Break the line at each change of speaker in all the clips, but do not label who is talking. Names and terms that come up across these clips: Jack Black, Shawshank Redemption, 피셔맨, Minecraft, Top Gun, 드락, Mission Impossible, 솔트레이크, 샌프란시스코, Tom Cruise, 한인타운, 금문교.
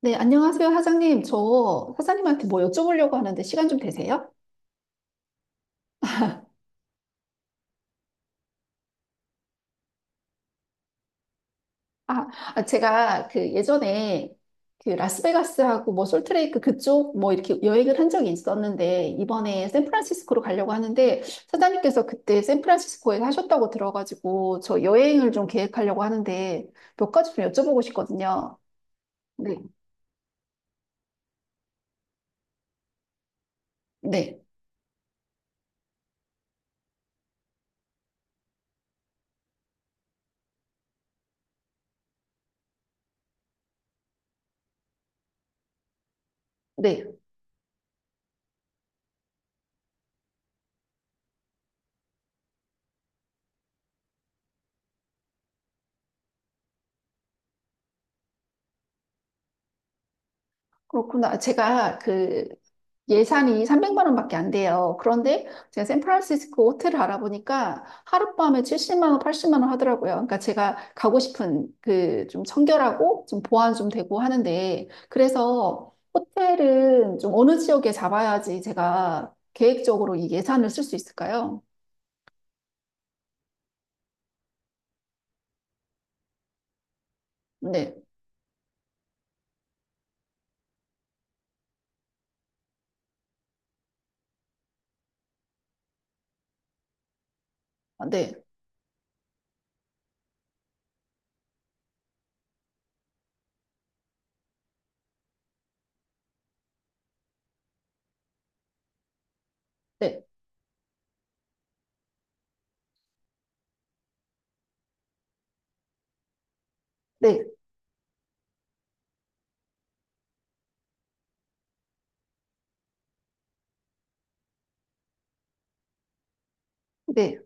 네, 안녕하세요, 사장님. 저 사장님한테 뭐 여쭤보려고 하는데 시간 좀 되세요? 아, 아, 제가 그 예전에 그 라스베가스하고 뭐 솔트레이크 그쪽 뭐 이렇게 여행을 한 적이 있었는데 이번에 샌프란시스코로 가려고 하는데 사장님께서 그때 샌프란시스코에 하셨다고 들어가지고 저 여행을 좀 계획하려고 하는데 몇 가지 좀 여쭤보고 싶거든요. 네, 네, 네. 그렇구나. 제가 그 예산이 300만 원밖에 안 돼요. 그런데 제가 샌프란시스코 호텔을 알아보니까 하룻밤에 70만 원, 80만 원 하더라고요. 그러니까 제가 가고 싶은 그 좀 청결하고 좀 보안 좀 되고 하는데 그래서 호텔은 좀 어느 지역에 잡아야지 제가 계획적으로 이 예산을 쓸 수 있을까요? 네, 아, 네, 네, 네, 네.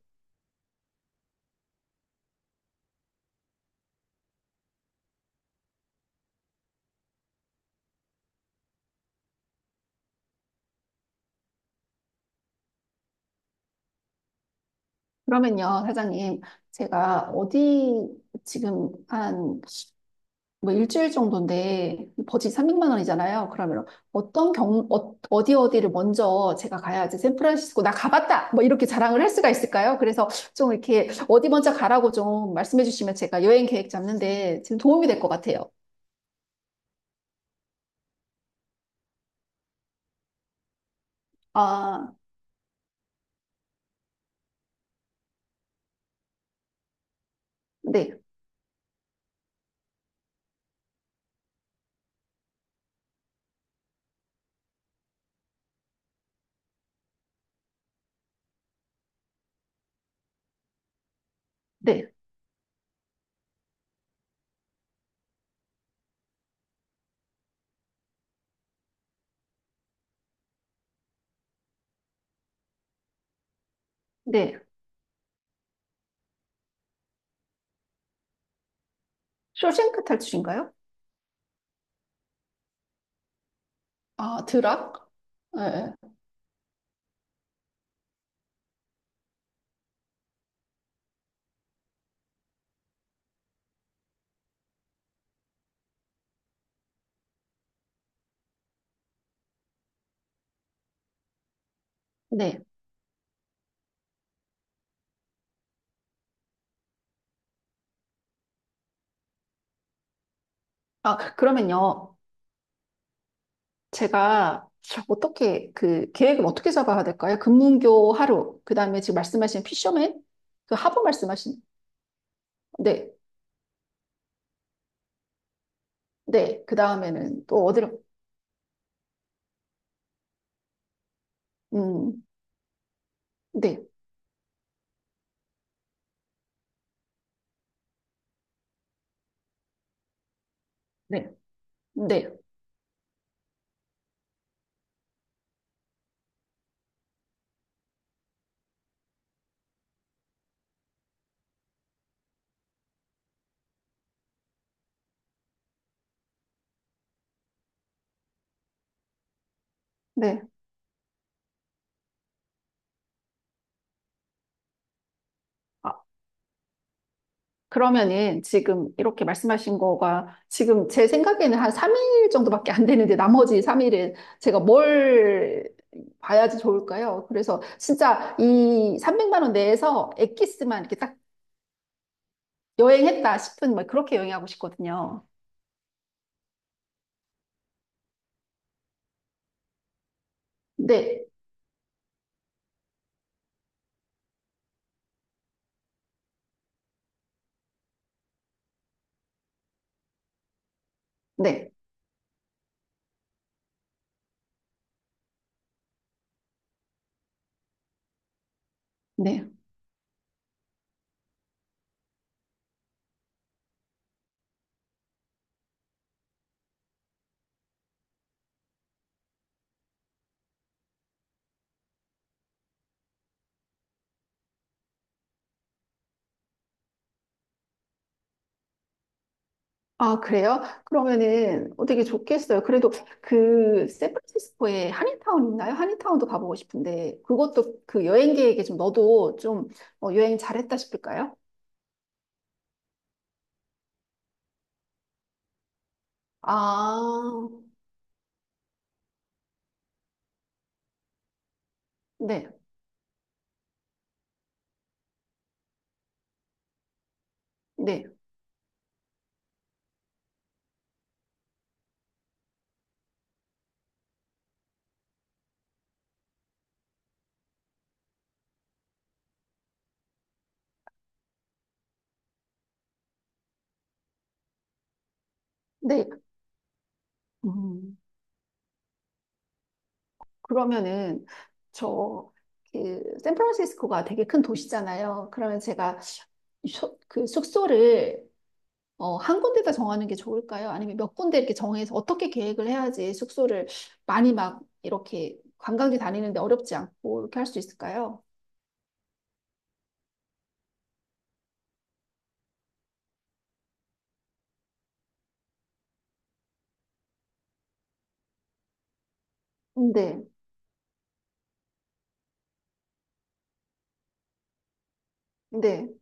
그러면요, 사장님, 제가 어디 지금 한 뭐 일주일 정도인데 버짓 300만 원이잖아요. 그러면 어떤 어디 어디를 먼저 제가 가야지 샌프란시스코 나 가봤다! 뭐 이렇게 자랑을 할 수가 있을까요? 그래서 좀 이렇게 어디 먼저 가라고 좀 말씀해 주시면 제가 여행 계획 잡는데 지금 도움이 될 것 같아요. 아, 네, 네, 네. 쇼생크 탈출인가요? 아, 드락? 네, 네. 네. 아, 그러면요. 제가 어떻게 그 계획을 어떻게 잡아야 될까요? 금문교 하루, 그 다음에 지금 말씀하신 피셔맨 그 하버 말씀하신 네, 네, 그 다음에는 또 어디로? 음, 네, 네, 네, 네. 아, 그러면은 지금 이렇게 말씀하신 거가 지금 제 생각에는 한 3일 정도밖에 안 되는데 나머지 3일은 제가 뭘 봐야지 좋을까요? 그래서 진짜 이 300만 원 내에서 엑기스만 이렇게 딱 여행했다 싶은 막 그렇게 여행하고 싶거든요. 네, 네, 네. 아, 그래요? 그러면은 어떻게 좋겠어요. 그래도 그 샌프란시스코에 한인타운 있나요? 한인타운도 가보고 싶은데 그것도 그 여행 계획에 좀 넣어도 좀 여행 잘했다 싶을까요? 아, 네, 네, 네. 음, 그러면은 저 그 샌프란시스코가 되게 큰 도시잖아요. 그러면 제가 그 숙소를 한 군데다 정하는 게 좋을까요? 아니면 몇 군데 이렇게 정해서 어떻게 계획을 해야지 숙소를 많이 막 이렇게 관광지 다니는데 어렵지 않고 이렇게 할 수 있을까요? 네, 네.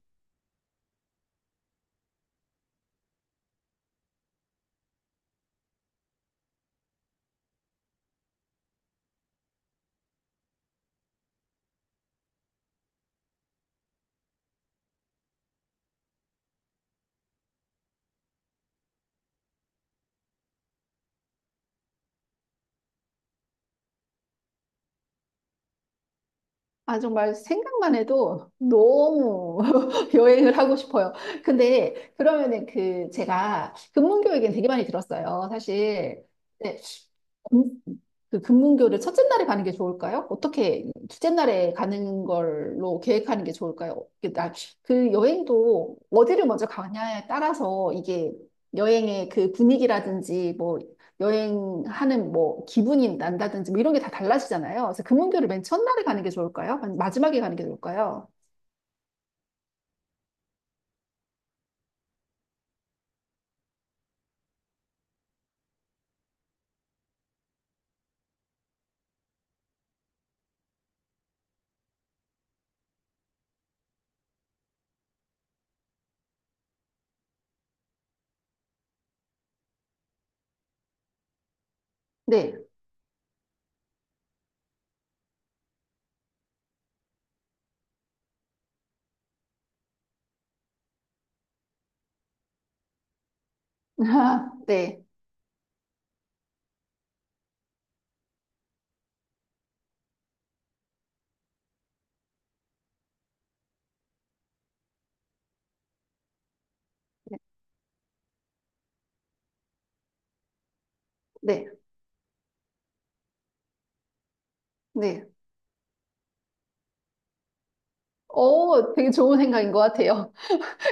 아, 정말 생각만 해도 너무 여행을 하고 싶어요. 근데 그러면은 그 제가 근문 교육엔 되게 많이 들었어요. 사실. 네. 그 금문교를 첫째 날에 가는 게 좋을까요? 어떻게 둘째 날에 가는 걸로 계획하는 게 좋을까요? 그 여행도 어디를 먼저 가냐에 따라서 이게 여행의 그 분위기라든지 뭐 여행하는 뭐 기분이 난다든지 뭐 이런 게 다 달라지잖아요. 그래서 금문교를 맨 첫날에 가는 게 좋을까요? 아니면 마지막에 가는 게 좋을까요? 네. 네. 네. 네. 되게 좋은 생각인 것 같아요.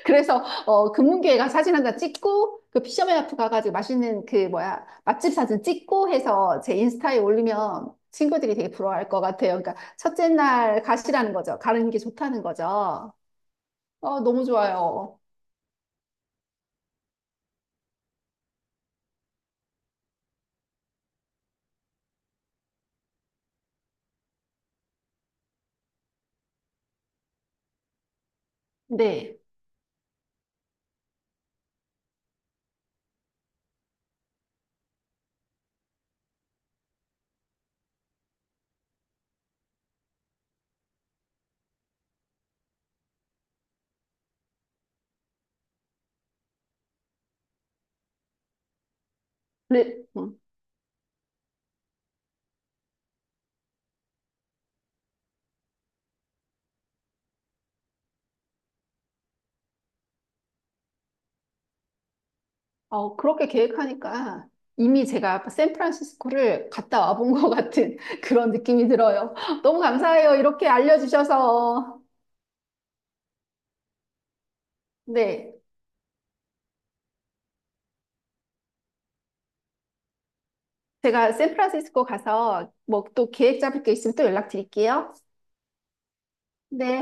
그래서 금문교회가 사진 한 장 찍고 그 피셔맨하프 가가지고 맛있는 그 뭐야 맛집 사진 찍고 해서 제 인스타에 올리면 친구들이 되게 부러워할 것 같아요. 그러니까 첫째 날 가시라는 거죠. 가는 게 좋다는 거죠. 너무 좋아요. 네. 네. 음. 그렇게 계획하니까 이미 제가 샌프란시스코를 갔다 와본 것 같은 그런 느낌이 들어요. 너무 감사해요. 이렇게 알려주셔서. 네. 제가 샌프란시스코 가서 뭐 또 계획 잡을 게 있으면 또 연락드릴게요. 네.